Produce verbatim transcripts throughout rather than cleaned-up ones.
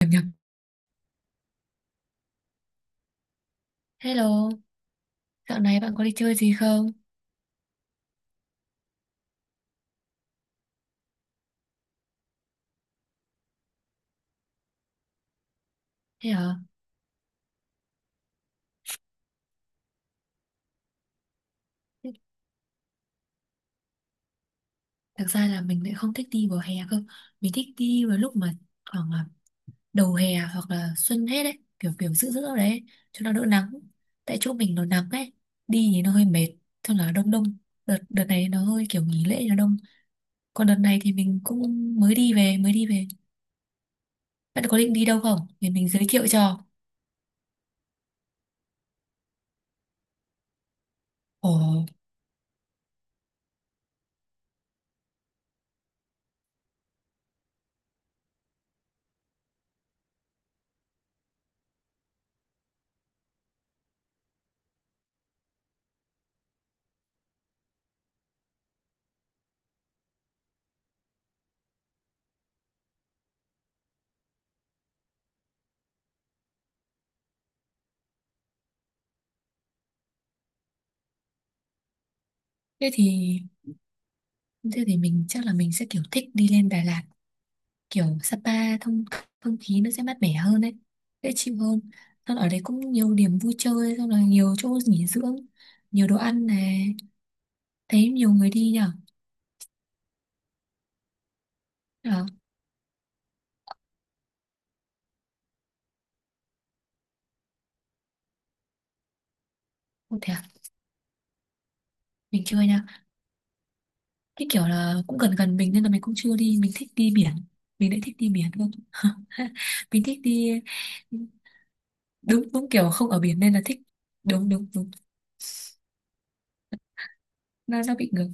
Nhập nhập. Hello, dạo này bạn có đi chơi gì không? Thế hả? Thế- Thực ra là mình lại không thích đi vào hè cơ. Mình thích đi vào lúc mà khoảng là đầu hè hoặc là xuân hết đấy. Kiểu kiểu giữa giữa đấy. Cho nó đỡ nắng. Tại chỗ mình nó nắng ấy. Đi thì nó hơi mệt. Cho là đông đông. Đợt, đợt này nó hơi kiểu nghỉ lễ nó đông. Còn đợt này thì mình cũng mới đi về, mới đi về. Bạn có định đi đâu không? Để mình giới thiệu cho. Ồ, thế thì... Thế thì mình chắc là mình sẽ kiểu thích đi lên Đà Lạt, kiểu Sapa, thông không khí nó sẽ mát mẻ hơn đấy, dễ chịu hơn. Xong ở đấy cũng nhiều điểm vui chơi, xong là nhiều chỗ nghỉ dưỡng, nhiều đồ ăn này, thấy nhiều người đi nhở. À, không thể à? Mình chưa nha, cái kiểu là cũng gần gần mình nên là mình cũng chưa đi, mình thích đi biển, mình lại thích đi biển luôn. Mình thích đi, đúng đúng, kiểu không ở biển nên là thích. Đúng đúng đúng, nó nó bị ngược.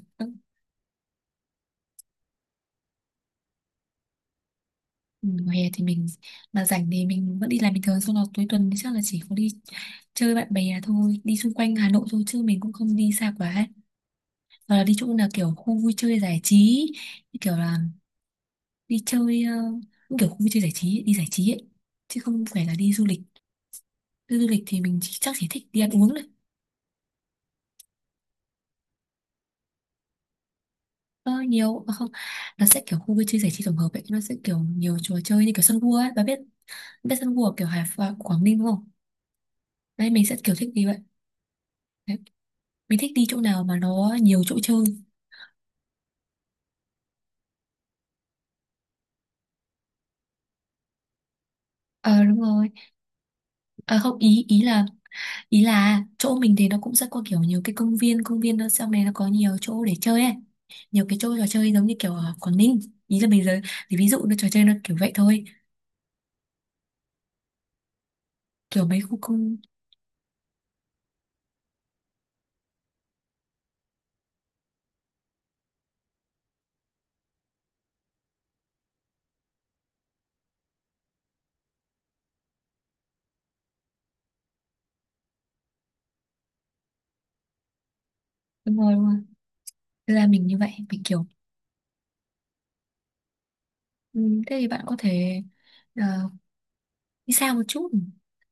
Ừ, mùa hè thì mình mà rảnh thì mình vẫn đi làm bình thường, xong là cuối tuần thì chắc là chỉ có đi chơi bạn bè thôi, đi xung quanh Hà Nội thôi chứ mình cũng không đi xa quá, hoặc là đi chỗ nào kiểu khu vui chơi giải trí, như kiểu là đi chơi, ờ, cũng kiểu khu vui chơi giải trí ấy, đi giải trí ấy chứ không phải là đi du lịch. Đi du lịch thì mình chỉ, chắc chỉ thích đi ăn uống thôi. ờ, Nhiều à, không, nó sẽ kiểu khu vui chơi giải trí tổng hợp ấy, nó sẽ kiểu nhiều trò chơi như kiểu sân vua ấy, bà biết, biết sân vua kiểu Hải Phòng Quảng Ninh đúng không? Đấy mình sẽ kiểu thích đi vậy, mình thích đi chỗ nào mà nó nhiều chỗ chơi. Ờ đúng rồi, ờ không, ý ý là, ý là chỗ mình thì nó cũng sẽ có kiểu nhiều cái công viên công viên nó sau này nó có nhiều chỗ để chơi ấy, nhiều cái chỗ trò chơi giống như kiểu ở Quảng Ninh. Ý là bây giờ thì ví dụ nó trò chơi nó kiểu vậy thôi. Kiểu mấy khu công, đúng rồi đúng rồi. Thế là mình như vậy mình kiểu, ừ, thế thì bạn có thể, ờ, đi xa một chút,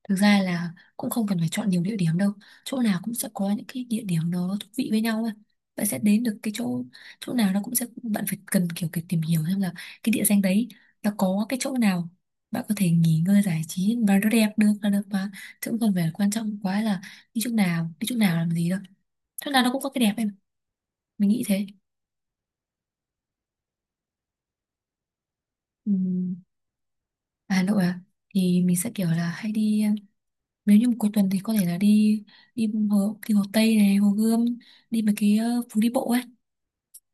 thực ra là cũng không cần phải chọn nhiều địa điểm đâu, chỗ nào cũng sẽ có những cái địa điểm nó thú vị với nhau ấy. Bạn sẽ đến được cái chỗ, chỗ nào nó cũng sẽ bạn phải cần kiểu kiểu tìm hiểu xem là cái địa danh đấy nó có cái chỗ nào bạn có thể nghỉ ngơi giải trí và nó đẹp được là được mà, chứ cũng không phải quan trọng quá là đi chỗ nào đi chỗ nào làm gì đâu, chỗ nào nó cũng có cái đẹp em, mình nghĩ thế. Ừm, Hà Nội à, thì mình sẽ kiểu là hay đi, nếu như một cuối tuần thì có thể là đi, đi hồ đi hồ Tây này, hồ Gươm, đi mấy cái ờ, phố đi bộ ấy,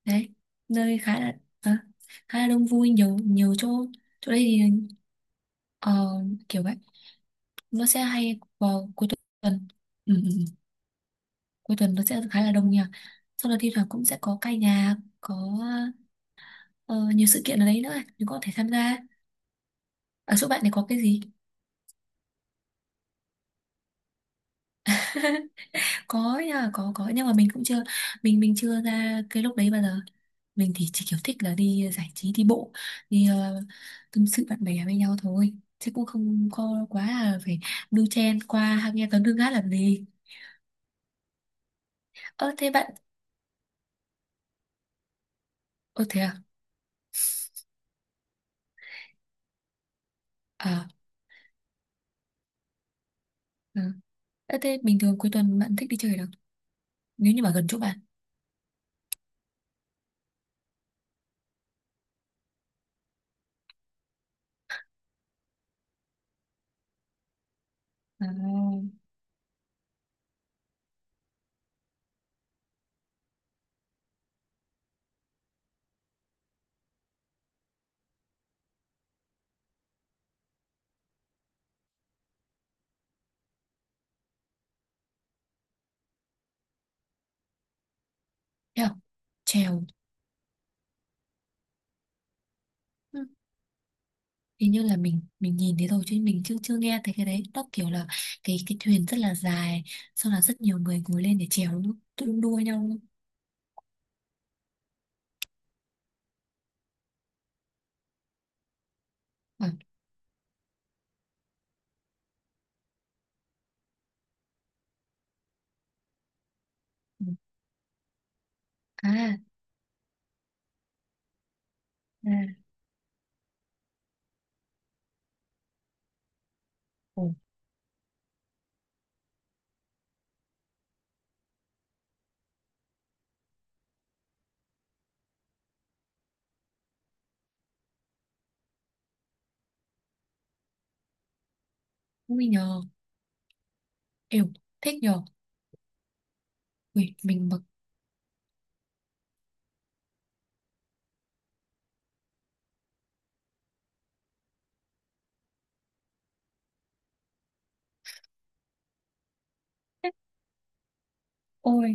đấy nơi khá là à, khá là đông vui, nhiều nhiều chỗ. Chỗ đây thì, ờ, kiểu vậy, nó sẽ hay vào cuối tuần. ừ, ừ, ừ. Cuối tuần nó sẽ khá là đông nha, sau đó thi thoảng cũng sẽ có ca nhạc, có ờ, nhiều sự kiện ở đấy nữa ấy, mình có thể tham gia. Ở chỗ bạn này có cái gì? Có nha, có có nhưng mà mình cũng chưa, mình mình chưa ra cái lúc đấy bao giờ, mình thì chỉ kiểu thích là đi giải trí đi bộ, đi ờ, tâm sự bạn bè với nhau thôi, chứ cũng không có quá là phải đu chen qua nghe tấn đương hát làm gì. Ơ thế bạn, ơ thế à, à, ừ. Ơ, thế bình thường cuối tuần bạn thích đi chơi ở đâu, nếu như mà gần chỗ bạn? À, thế à? Trèo, hình như là mình mình nhìn thấy rồi chứ mình chưa chưa nghe thấy, cái đấy nó kiểu là cái cái thuyền rất là dài, sau là rất nhiều người ngồi lên để chèo đúng không, tự đu đua nhau đúng không? À, à, à. Ồ, ui nhờ, yêu, thích nhờ, ui mình bực, ôi,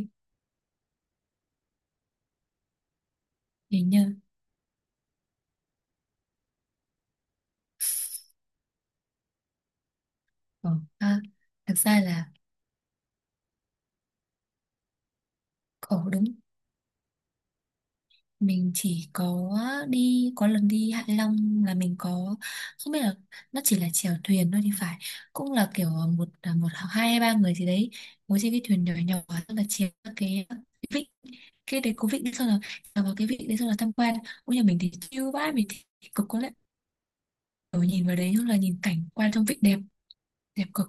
hình như, ờ, à, thực ra là, ồ đúng, mình chỉ có đi có lần đi Hạ Long, là mình có, không biết là nó chỉ là chèo thuyền thôi thì phải, cũng là kiểu một à, một hoặc hai hay ba người gì đấy ngồi trên cái thuyền nhỏ nhỏ, xong là chèo các cái vịnh, cái đấy có vịnh đấy, xong là chèo vào cái vịnh đấy xong là tham quan, ôi nhà mình thì chill vãi, mình thì cực có lẽ ở nhìn vào đấy hoặc là nhìn cảnh quan trong vịnh đẹp, đẹp cực.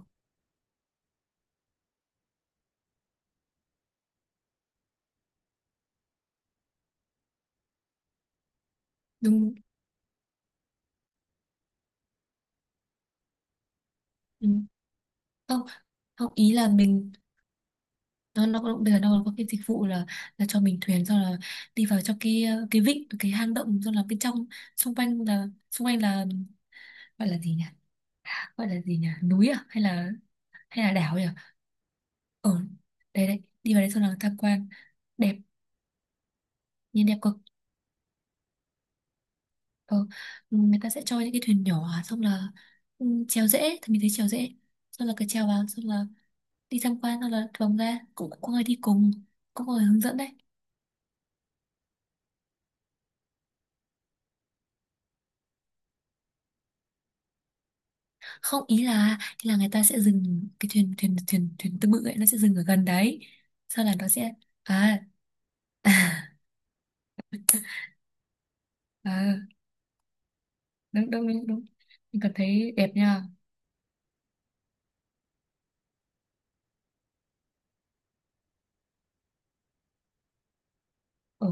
Đúng, đúng. Không, không ý là mình, nó nó cũng bây giờ nó có cái dịch vụ là là cho mình thuyền, xong là đi vào trong cái ờ, cái vịnh, cái hang động, xong là bên trong, xung quanh là xung quanh là gọi là gì nhỉ, gọi là gì nhỉ núi à hay là, hay là đảo nhỉ, ở đây, đây đi vào đấy xong là tham quan, đẹp, nhìn đẹp cực. Ờ, người ta sẽ cho những cái thuyền nhỏ xong là, ừ, chèo dễ thì mình thấy chèo dễ, xong là cứ chèo vào xong là đi tham quan xong là vòng ra, cũng có người đi cùng, cũng có người hướng dẫn đấy. Không ý là, ý là người ta sẽ dừng cái thuyền, thuyền thuyền thuyền tư bự ấy nó sẽ dừng ở gần đấy, sau là nó sẽ, à, à, à, đúng đúng đúng đúng, mình cảm thấy đẹp nha. Ừ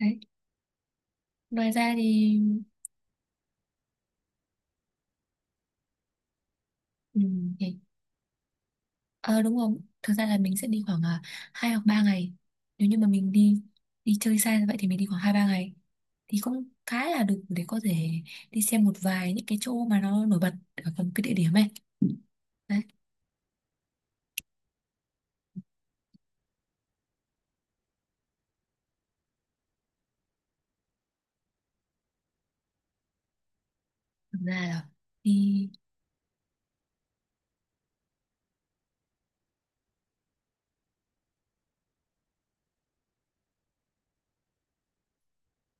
đấy, ngoài ra thì, ừ, thì ờ đúng không, thực ra là mình sẽ đi khoảng à, hai hoặc ba ngày, nếu như mà mình đi đi chơi xa như vậy thì mình đi khoảng hai ba ngày thì cũng khá là đủ để có thể đi xem một vài những cái chỗ mà nó nổi bật ở cùng cái địa điểm ấy, đấy. Thực ra là đi,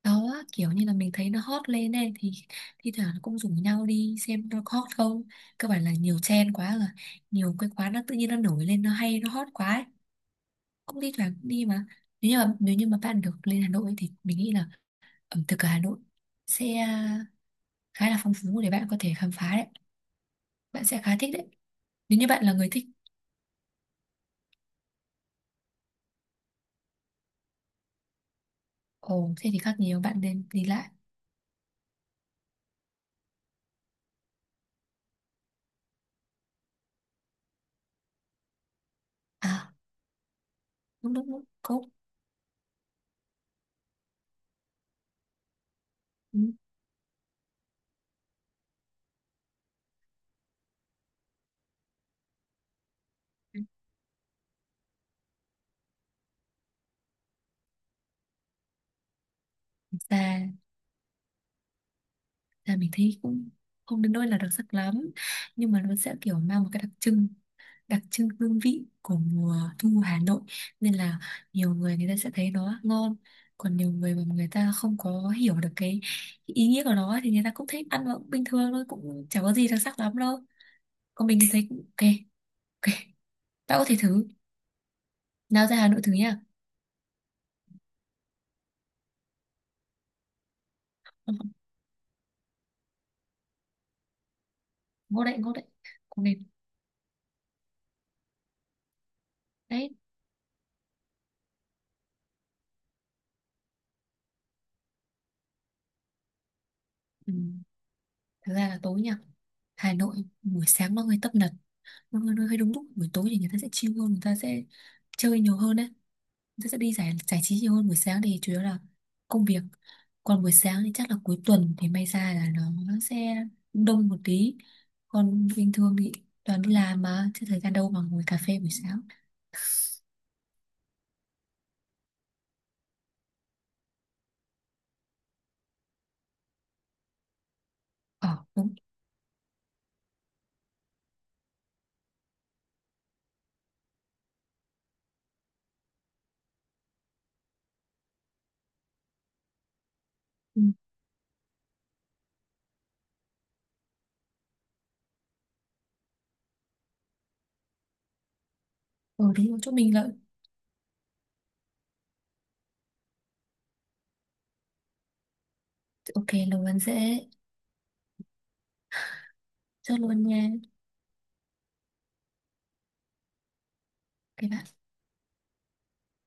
đó kiểu như là mình thấy nó hot lên ấy, thì thi thoảng nó cũng rủ nhau đi xem nó có hot không, cơ bản là nhiều trend quá rồi, nhiều cái quán nó tự nhiên nó nổi lên nó hay nó hot quá ấy. Cũng thi thoảng cũng đi mà, nếu như mà nếu như mà bạn được lên Hà Nội ấy, thì mình nghĩ là ẩm thực ở Hà Nội sẽ à, khá là phong phú để bạn có thể khám phá đấy, bạn sẽ khá thích đấy, nếu như bạn là người thích. Ồ thế thì khác nhiều, bạn nên đi lại. À đúng đúng đúng cố, ừ. Và là mình thấy cũng không đến nỗi là đặc sắc lắm, nhưng mà nó sẽ kiểu mang một cái đặc trưng, đặc trưng hương vị của mùa thu Hà Nội, nên là nhiều người người ta sẽ thấy nó ngon, còn nhiều người mà người ta không có hiểu được cái ý nghĩa của nó thì người ta cũng thấy ăn nó cũng bình thường thôi, cũng chả có gì đặc sắc lắm đâu, còn mình thì thấy cũng ok. Ok, bạn có thể thử, nào ra Hà Nội thử nha. Ngon đấy, ngon đấy, cũng nên đấy. Ừ. Thực ra là tối nha, Hà Nội buổi sáng mọi người tấp nập, mọi người hơi đúng lúc, buổi tối thì người ta sẽ chill hơn, người ta sẽ chơi nhiều hơn đấy. Người ta sẽ đi giải giải trí nhiều hơn, buổi sáng thì chủ yếu là công việc. Còn buổi sáng thì chắc là cuối tuần thì may ra là nó, nó sẽ đông một tí. Còn bình thường thì toàn đi làm mà, chứ thời gian đâu mà ngồi cà phê buổi sáng. Ờ đúng. Ừ, ừ đúng rồi. Chỗ mình là ok là ăn dễ. Chốt luôn nha. Các bạn.